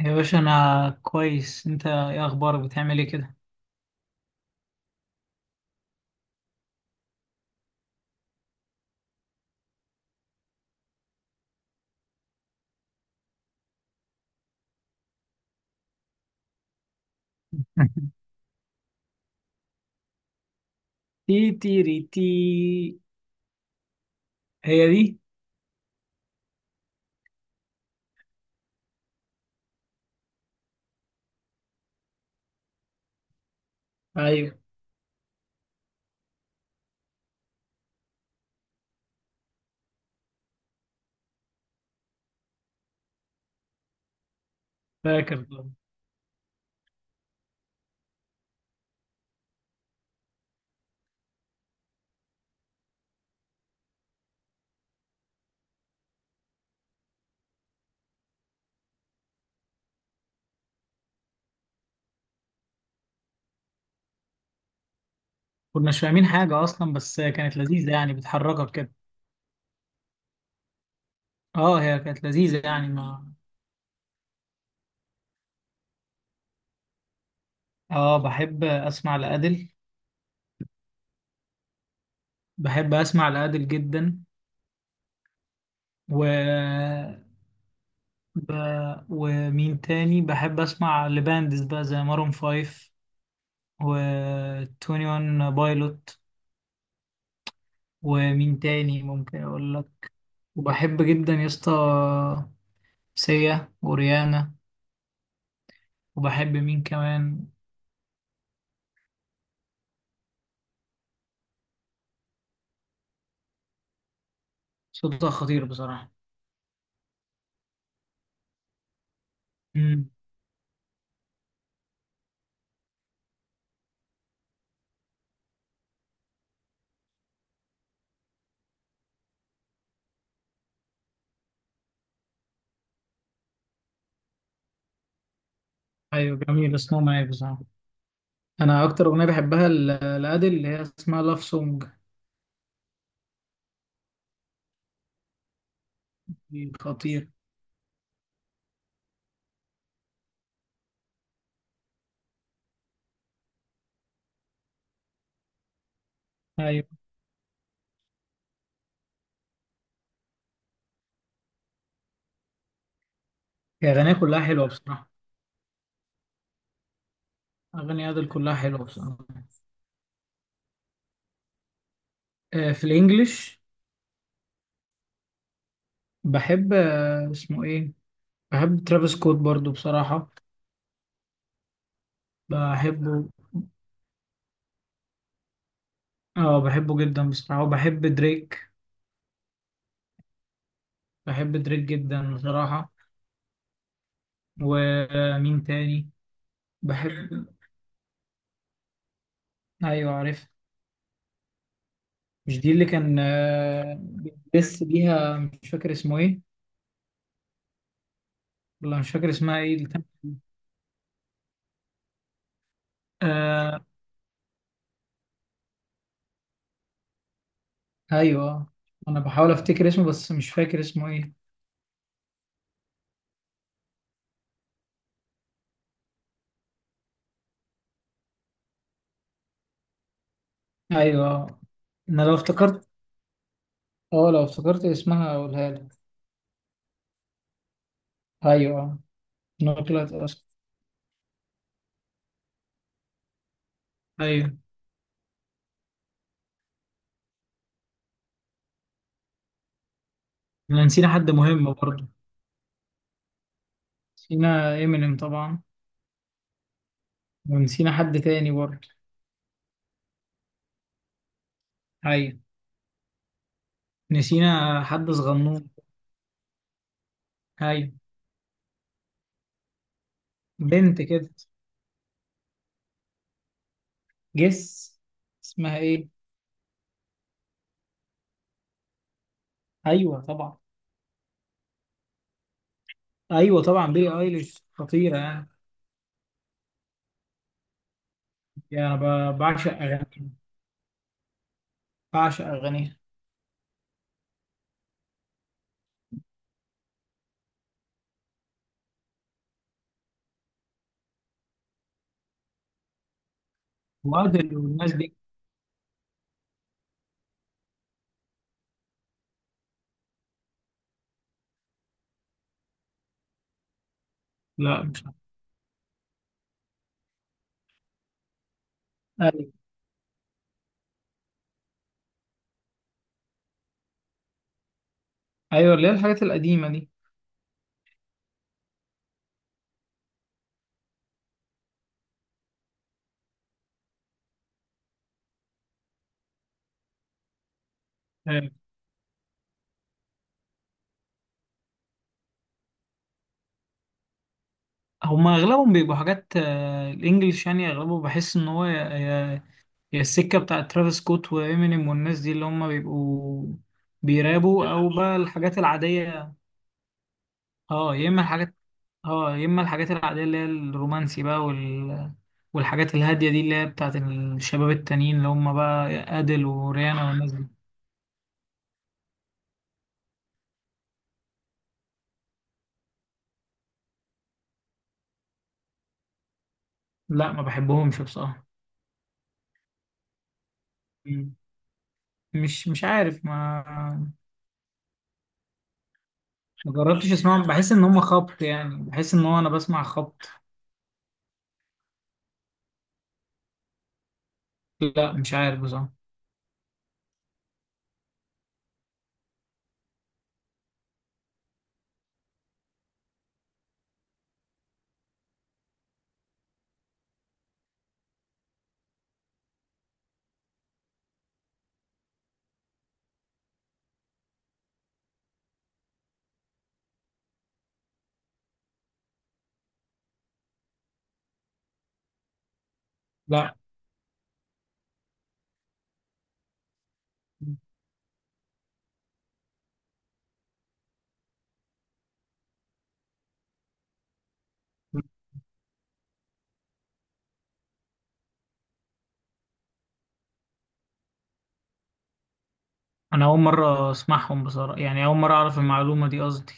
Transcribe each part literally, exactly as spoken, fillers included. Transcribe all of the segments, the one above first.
يا باشا، انا كويس. انت ايه اخبارك؟ بتعمل ايه كده؟ تي تيري تي. هي دي. ايوه، فاكر. كناش فاهمين حاجه اصلا، بس كانت لذيذه يعني بتحركك كده. اه، هي كانت لذيذه يعني، ما... اه، بحب اسمع لأديل. بحب اسمع لأديل جدا. و ب... ومين تاني بحب اسمع لباندز بقى، زي مارون فايف و واحد وعشرين بايلوت. ومين تاني ممكن اقول لك. وبحب جدا يا اسطى، سيا وريانا. وبحب مين كمان. صوتها خطير بصراحة. امم. ايوه، جميل. اسمه معايا بصراحة. انا اكتر اغنية بحبها ل- لأديل اللي هي اسمها لاف سونج. دي خطير. ايوه، هي اغانيها كلها حلوة بصراحة. اغاني أديل كلها حلوة بصراحة. آه، في الانجليش. بحب آه، اسمه ايه. بحب ترافيس سكوت برضو بصراحة. بحبه. اه، بحبه جدا بصراحة، وبحب دريك. بحب دريك جدا بصراحة. ومين تاني؟ بحب. ايوه، عارف. مش دي اللي كان آه، بيدس بيها؟ مش فاكر اسمه ايه. ولا مش فاكر اسمها ايه اللي كان. آه. ايوه. انا بحاول افتكر اسمه بس مش فاكر اسمه ايه. ايوه. انا لو افتكرت اه، لو افتكرت اسمها اقولها لك. ايوه، إنها طلعت اصلا. ايوه. احنا نسينا حد مهم برضه. نسينا امينيم طبعا. ونسينا حد تاني برضه. ايوه. نسينا حد صغنون. ايوه. بنت كده. جس. اسمها ايه؟ ايوه، طبعا. ايوه طبعا، بيلي ايليش خطيره يعني. يعني انا ب- بعشق اغانيها. بعشق اغانيها. وادل والناس دي. لا، مش عارف. ايوه، ايوه، اللي هي الحاجات القديمه دي. آه، هما اغلبهم بيبقوا حاجات آه، الانجليش، يعني اغلبه بحس ان هو يا يا- يا السكه بتاعت ترافيس سكوت وامينيم والناس دي اللي هما بيبقوا. بيرابوا، او بقى الحاجات العاديه. اه يا اما الحاجات اه، يا اما الحاجات العاديه اللي هي الرومانسي بقى وال... والحاجات الهاديه دي اللي هي بتاعت الشباب التانيين اللي هم بقى ادل وريانا والناس دي. لا، ما بحبهمش بصراحه. مم. مش مش عارف، ما... ما جربتش اسمعهم. بحس ان هم خبط، يعني بحس ان هو انا بسمع خبط. لا، مش عارف بصراحه. لا، انا اول مره اسمعهم بصراحه، يعني اول مره اعرف المعلومه دي، قصدي.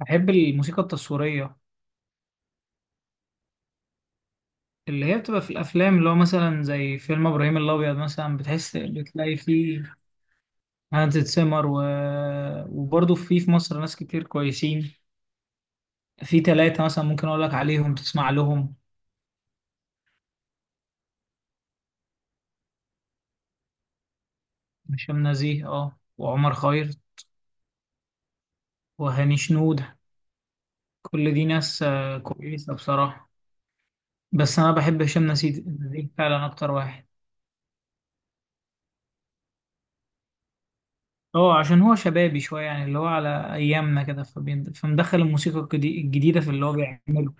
بحب الموسيقى التصويريه. اللي هي بتبقى في الافلام، اللي هو مثلا زي فيلم ابراهيم الابيض مثلا، بتحس بتلاقي فيه. هانز سيمر و... وبرضه في في مصر ناس كتير كويسين. في ثلاثة مثلا ممكن أقول لك عليهم تسمع لهم. هشام نزيه، اه، وعمر خيرت. وهاني شنودة. كل دي ناس آه، كويسة بصراحة. بس أنا بحب هشام نزيه نزيه فعلا، أكتر واحد. اه، عشان هو شبابي شوية يعني اللي هو على أيامنا كده، فبين... فمدخل الموسيقى الجدي- الجديدة في اللي هو بيعمله.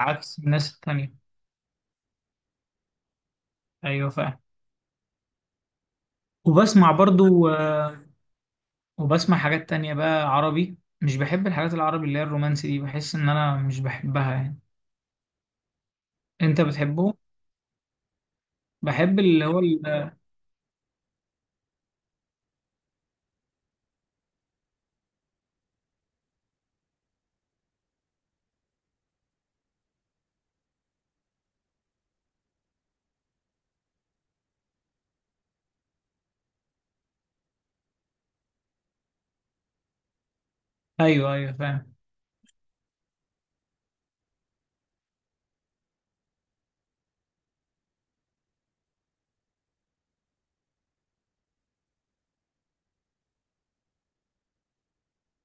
عكس الناس التانية. أيوة، فعلا. وبسمع برضو وبسمع حاجات تانية بقى عربي، مش بحب الحاجات العربي اللي هي الرومانسي دي، بحس ان انا مش بحبها يعني. انت بتحبه؟ بحب اللي هو ال- ايوه، ايوه، فاهم.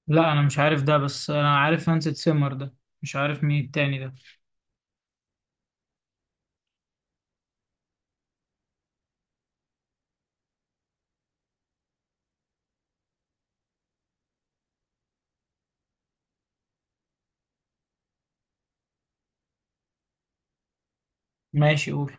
لا، انا مش عارف ده، بس انا عارف هانس سيمر ده. مش عارف مين التاني ده. ماشي، قول.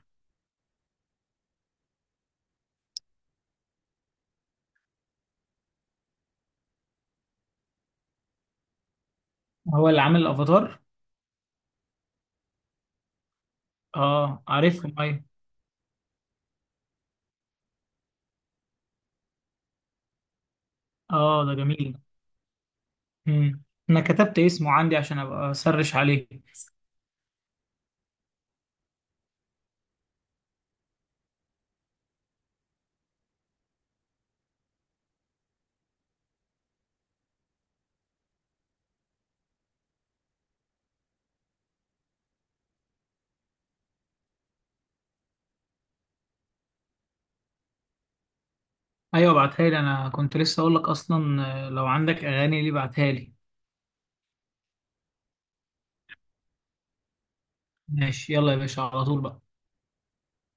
هو اللي عامل الافاتار؟ اه، عارفهم، ايوه. اه، ده جميل. امم. انا كتبت اسمه عندي عشان ابقى اسرش عليه. ايوه، ابعتها لي، انا كنت لسه اقول لك اصلا آه، لو عندك اغاني ليه بعتها لي. ماشي، يلا يا باشا، على طول بقى.